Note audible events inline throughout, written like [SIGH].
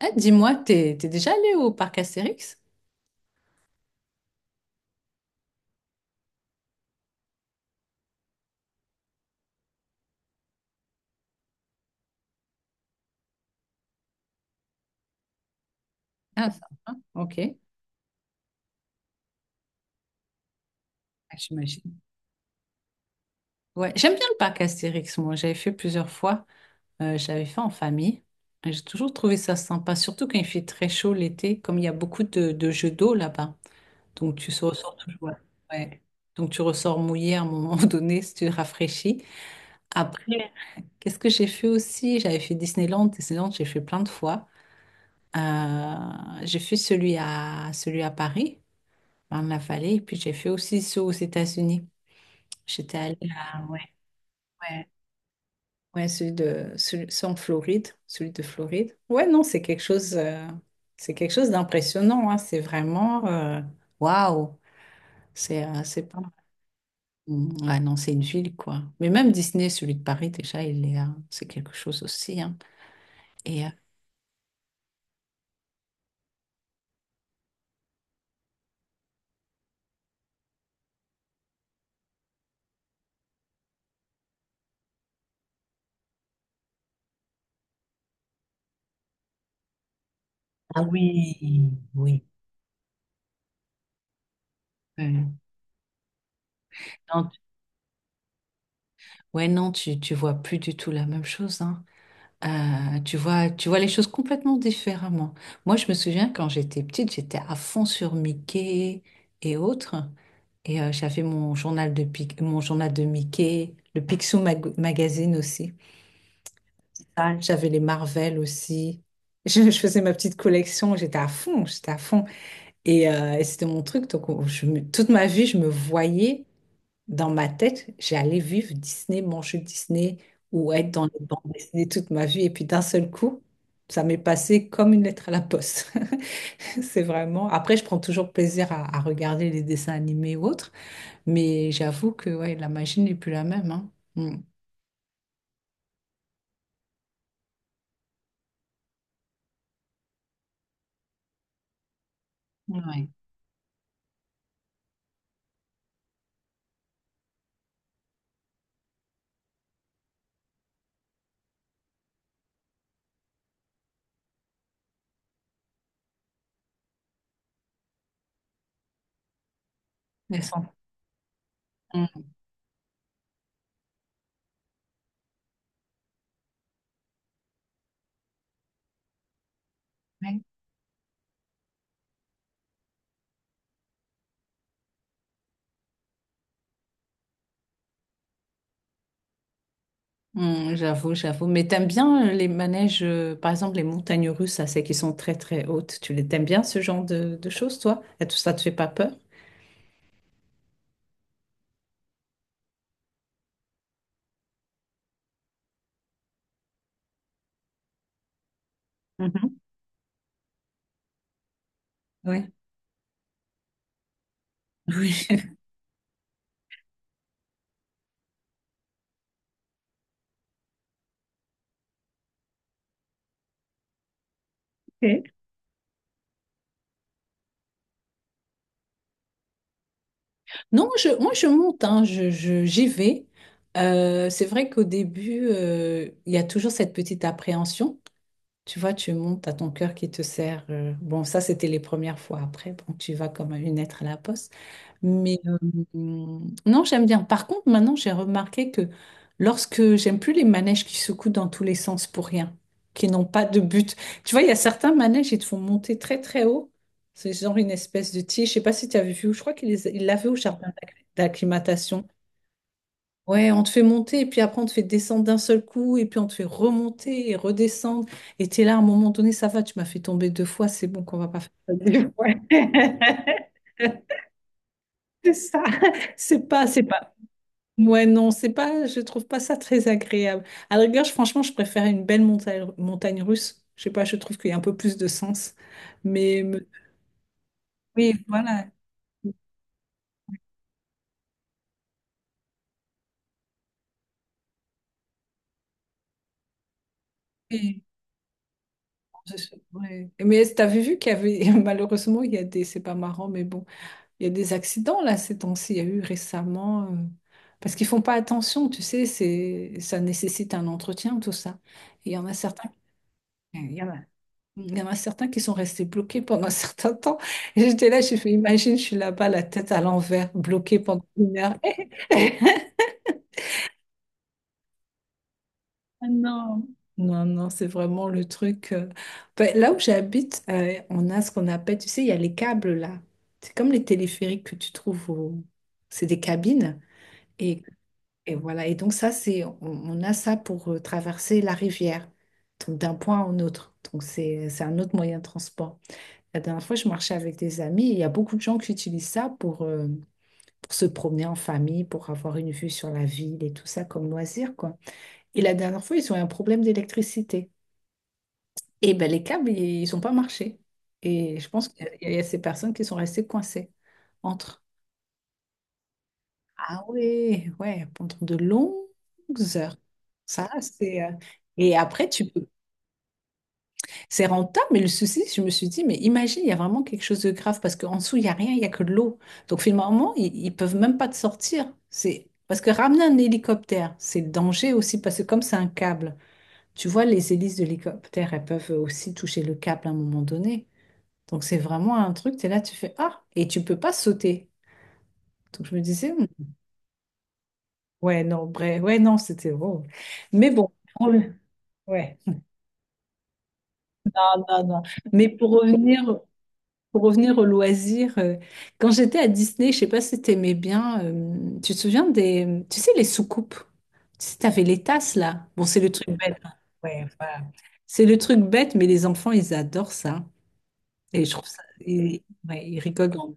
Ah, dis-moi, t'es déjà allé au parc Astérix? Ah, ok. Ah, j'imagine. Ouais, j'aime bien le parc Astérix, moi. J'avais fait plusieurs fois. J'avais fait en famille. Et j'ai toujours trouvé ça sympa, surtout quand il fait très chaud l'été, comme il y a beaucoup de jeux d'eau là-bas. Donc tu se ressors toujours. Ouais. Ouais. Donc tu ressors mouillé à un moment [LAUGHS] donné si tu te rafraîchis. Après, ouais. Qu'est-ce que j'ai fait aussi? J'avais fait Disneyland. Disneyland, j'ai fait plein de fois. J'ai fait celui à, celui à Paris. Ben, il en a fallu. Et puis j'ai fait aussi ceux aux États-Unis. J'étais allée à ouais, ouais, ouais, celui de celui, ceux en Floride, celui de Floride. Ouais, non, c'est quelque chose d'impressionnant, hein. C'est vraiment waouh. C'est pas. Mm, ah non, c'est une ville quoi. Mais même Disney, celui de Paris déjà, il est, c'est quelque chose aussi, hein. Et ah oui, oui. Ouais, non, tu ouais, non, tu vois plus du tout la même chose, hein. Tu vois les choses complètement différemment. Moi, je me souviens quand j'étais petite, j'étais à fond sur Mickey et autres. Et j'avais mon journal de mon journal de Mickey, le Picsou Magazine aussi. Ah. J'avais les Marvel aussi. Je faisais ma petite collection, j'étais à fond, j'étais à fond. Et c'était mon truc. Donc, toute ma vie, je me voyais. Dans ma tête, j'allais vivre Disney, manger Disney ou être dans les bandes dessinées toute ma vie. Et puis d'un seul coup, ça m'est passé comme une lettre à la poste. [LAUGHS] C'est vraiment. Après, je prends toujours plaisir à regarder les dessins animés ou autres, mais j'avoue que ouais, la magie n'est plus la même, hein. Mm. Ouais. Elles sont- mm. Ouais. Mm, j'avoue, j'avoue. Mais t'aimes bien les manèges, par exemple les montagnes russes, ça, c'est qui sont très très hautes. Tu les t'aimes bien ce genre de choses, toi? Et tout ça te fait pas peur? Mhm. Ouais. Oui. Ok. Non, je, moi je monte, hein, je, j'y vais. C'est vrai qu'au début, il y a toujours cette petite appréhension. Tu vois, tu montes à ton cœur qui te serre. Bon, ça, c'était les premières fois. Après, bon, tu vas comme une lettre à la poste. Mais non, j'aime bien. Par contre, maintenant, j'ai remarqué que lorsque j'aime plus les manèges qui secouent dans tous les sens pour rien, qui n'ont pas de but. Tu vois, il y a certains manèges, ils te font monter très, très haut. C'est genre une espèce de tige. Je sais pas si tu avais vu. Je crois il l'avait au jardin d'acclimatation. Ouais, on te fait monter et puis après on te fait descendre d'un seul coup et puis on te fait remonter et redescendre. Et t'es là, à un moment donné, ça va, tu m'as fait tomber deux fois, c'est bon qu'on va pas faire ça deux fois. [LAUGHS] C'est ça, c'est pas, c'est pas. Ouais, non, c'est pas, je trouve pas ça très agréable. À la rigueur, franchement, je préfère une belle montagne russe. Je sais pas, je trouve qu'il y a un peu plus de sens. Mais me- oui, voilà. Et- ouais. Mais t'avais vu qu'il y avait, [LAUGHS] malheureusement, il y a des, c'est pas marrant, mais bon. Il y a des accidents là ces temps-ci. Il y a eu récemment parce qu'ils font pas attention, tu sais, c'est ça nécessite un entretien tout ça. Et il y en a certains, il y en a, il y en a certains qui sont restés bloqués pendant [LAUGHS] un certain temps. Et j'étais là, j'ai fait, imagine, je suis là-bas, la tête à l'envers, bloquée pendant une heure. [LAUGHS] Ah non. Non, non, c'est vraiment le truc. Ben, là où j'habite, on a ce qu'on appelle, tu sais, il y a les câbles là. C'est comme les téléphériques que tu trouves au- C'est des cabines. Et Et voilà, et donc ça, c'est, on a ça pour traverser la rivière, donc d'un point à un autre. Donc c'est un autre moyen de transport. La dernière fois, je marchais avec des amis et il y a beaucoup de gens qui utilisent ça pour se promener en famille, pour avoir une vue sur la ville et tout ça comme loisir, quoi. Et la dernière fois, ils ont eu un problème d'électricité. Et ben les câbles, ils n'ont pas marché. Et je pense qu'il y a il y a ces personnes qui sont restées coincées entre. Ah ouais, ouais, pendant de longues heures. Ça, c'est... Et après, tu peux... C'est rentable, mais le souci, je me suis dit, mais imagine, il y a vraiment quelque chose de grave, parce qu'en dessous, il n'y a rien, il n'y a que de l'eau. Donc finalement, ils peuvent même pas te sortir. C'est... Parce que ramener un hélicoptère, c'est le danger aussi, parce que comme c'est un câble, tu vois, les hélices de l'hélicoptère, elles peuvent aussi toucher le câble à un moment donné. Donc c'est vraiment un truc, tu es là, tu fais, ah, et tu peux pas sauter. Donc je me disais, hmm, ouais, non, bref, ouais, non, c'était horrible. Mais bon, pour le- ouais, non, non, non. Mais pour revenir au loisir, quand j'étais à Disney, je sais pas si t'aimais bien, tu te souviens des, tu sais, les soucoupes? Tu sais, t'avais les tasses, là. Bon, c'est le truc bête, hein. Ouais, voilà. C'est le truc bête, mais les enfants, ils adorent ça. Et je trouve ça, ils, ouais, ils rigolent. Grand.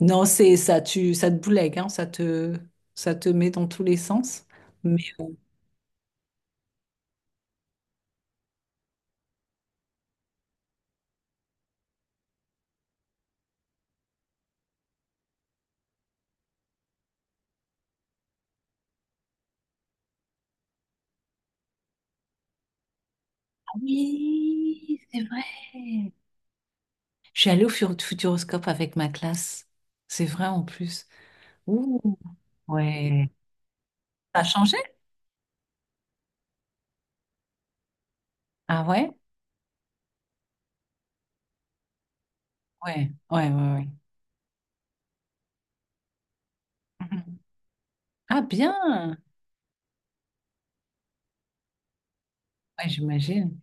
Non, c'est ça, tu, ça te boulegue, hein, ça te met dans tous les sens. Oui, c'est vrai. Je suis allée au Futuroscope avec ma classe. C'est vrai en plus. Ouh, ouais. Ça a changé? Ah ouais? Ouais, ouais, ouais, ouais. [LAUGHS] Mhm. Ah bien. Ouais, j'imagine.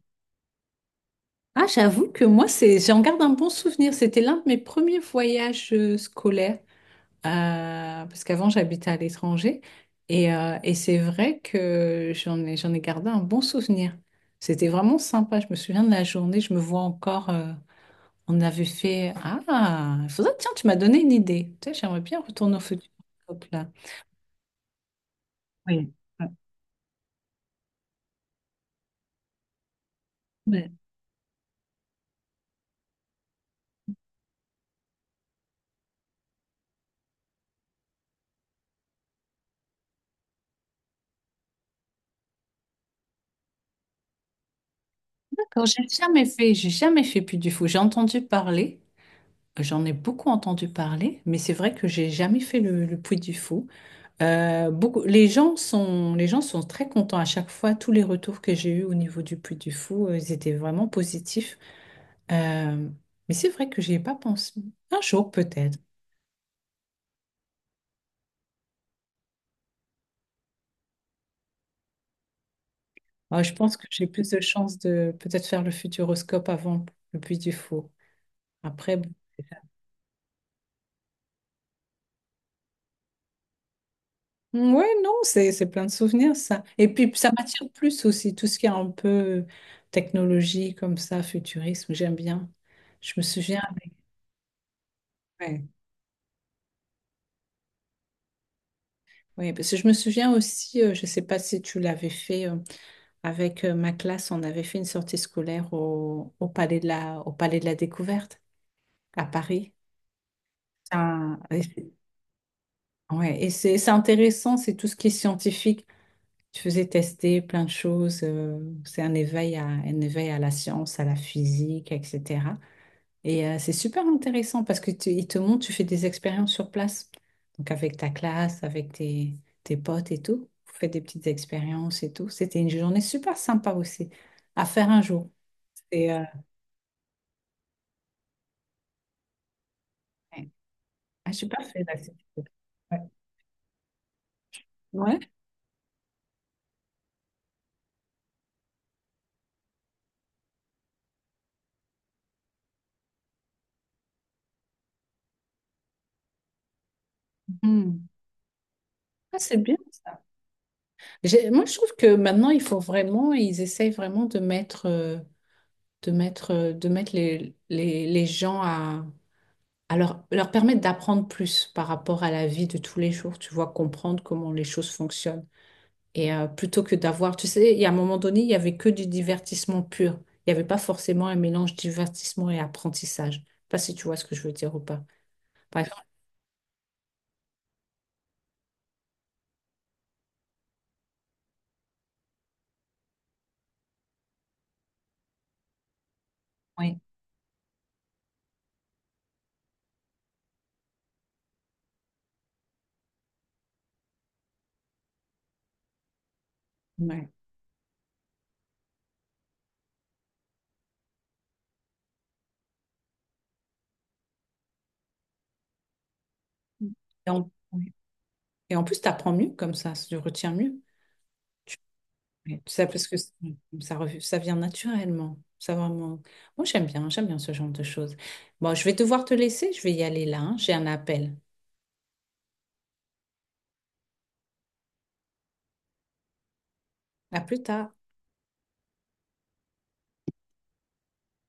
Ah, j'avoue que moi, c'est, j'en garde un bon souvenir. C'était l'un de mes premiers voyages scolaires. Parce qu'avant, j'habitais à l'étranger. Et c'est vrai que j'en ai gardé un bon souvenir. C'était vraiment sympa. Je me souviens de la journée. Je me vois encore. On avait fait... Ah, faudrait... Tiens, tu m'as donné une idée. Tu sais, j'aimerais bien retourner au futur. Hop là. Oui. Ouais. D'accord, j'ai jamais fait Puy du Fou. J'ai entendu parler, j'en ai beaucoup entendu parler, mais c'est vrai que j'ai jamais fait le Puy du Fou. Beaucoup, les gens sont très contents à chaque fois. Tous les retours que j'ai eus au niveau du Puy du Fou, ils étaient vraiment positifs. Euh, mais c'est vrai que j'y ai pas pensé. Un jour peut-être. Ouais, je pense que j'ai plus de chances de peut-être faire le futuroscope avant le Puy du Fou. Après, bon, ouais, non, c'est plein de souvenirs, ça. Et puis, ça m'attire plus aussi, tout ce qui est un peu technologie comme ça, futurisme, j'aime bien. Je me souviens, ouais, ouais, parce que je me souviens aussi, je ne sais pas si tu l'avais fait, avec ma classe, on avait fait une sortie scolaire au, au Palais de la, au Palais de la Découverte à Paris. Ça- et c'est- ouais, et c'est intéressant, c'est tout ce qui est scientifique. Je faisais tester plein de choses. C'est un éveil à la science, à la physique, etc. Et c'est super intéressant parce que tu, ils te montrent, tu fais des expériences sur place. Donc avec ta classe, avec tes, tes potes et tout. Vous faites des petites expériences et tout. C'était une journée super sympa aussi à faire un jour. Et, ouais. Ah, j'ai pas fait d'activité. Ouais. Ouais. Mhm. Ah, c'est bien ça. Moi, je trouve que maintenant, il faut vraiment, ils essayent vraiment de mettre... de mettre, de mettre les gens à leur, leur permettre d'apprendre plus par rapport à la vie de tous les jours, tu vois, comprendre comment les choses fonctionnent. Et plutôt que d'avoir, tu sais, il y a un moment donné, il n'y avait que du divertissement pur. Il n'y avait pas forcément un mélange divertissement et apprentissage. Je sais pas si tu vois ce que je veux dire ou pas. Par exemple, oui. Ouais. Et en, oui. Et en plus, tu apprends mieux comme ça, tu retiens mieux. Oui, ça, parce que c- ça, rev- ça vient naturellement. Ça vraiment... Moi, j'aime bien ce genre de choses. Bon, je vais devoir te laisser, je vais y aller là, hein, j'ai un appel. À plus tard.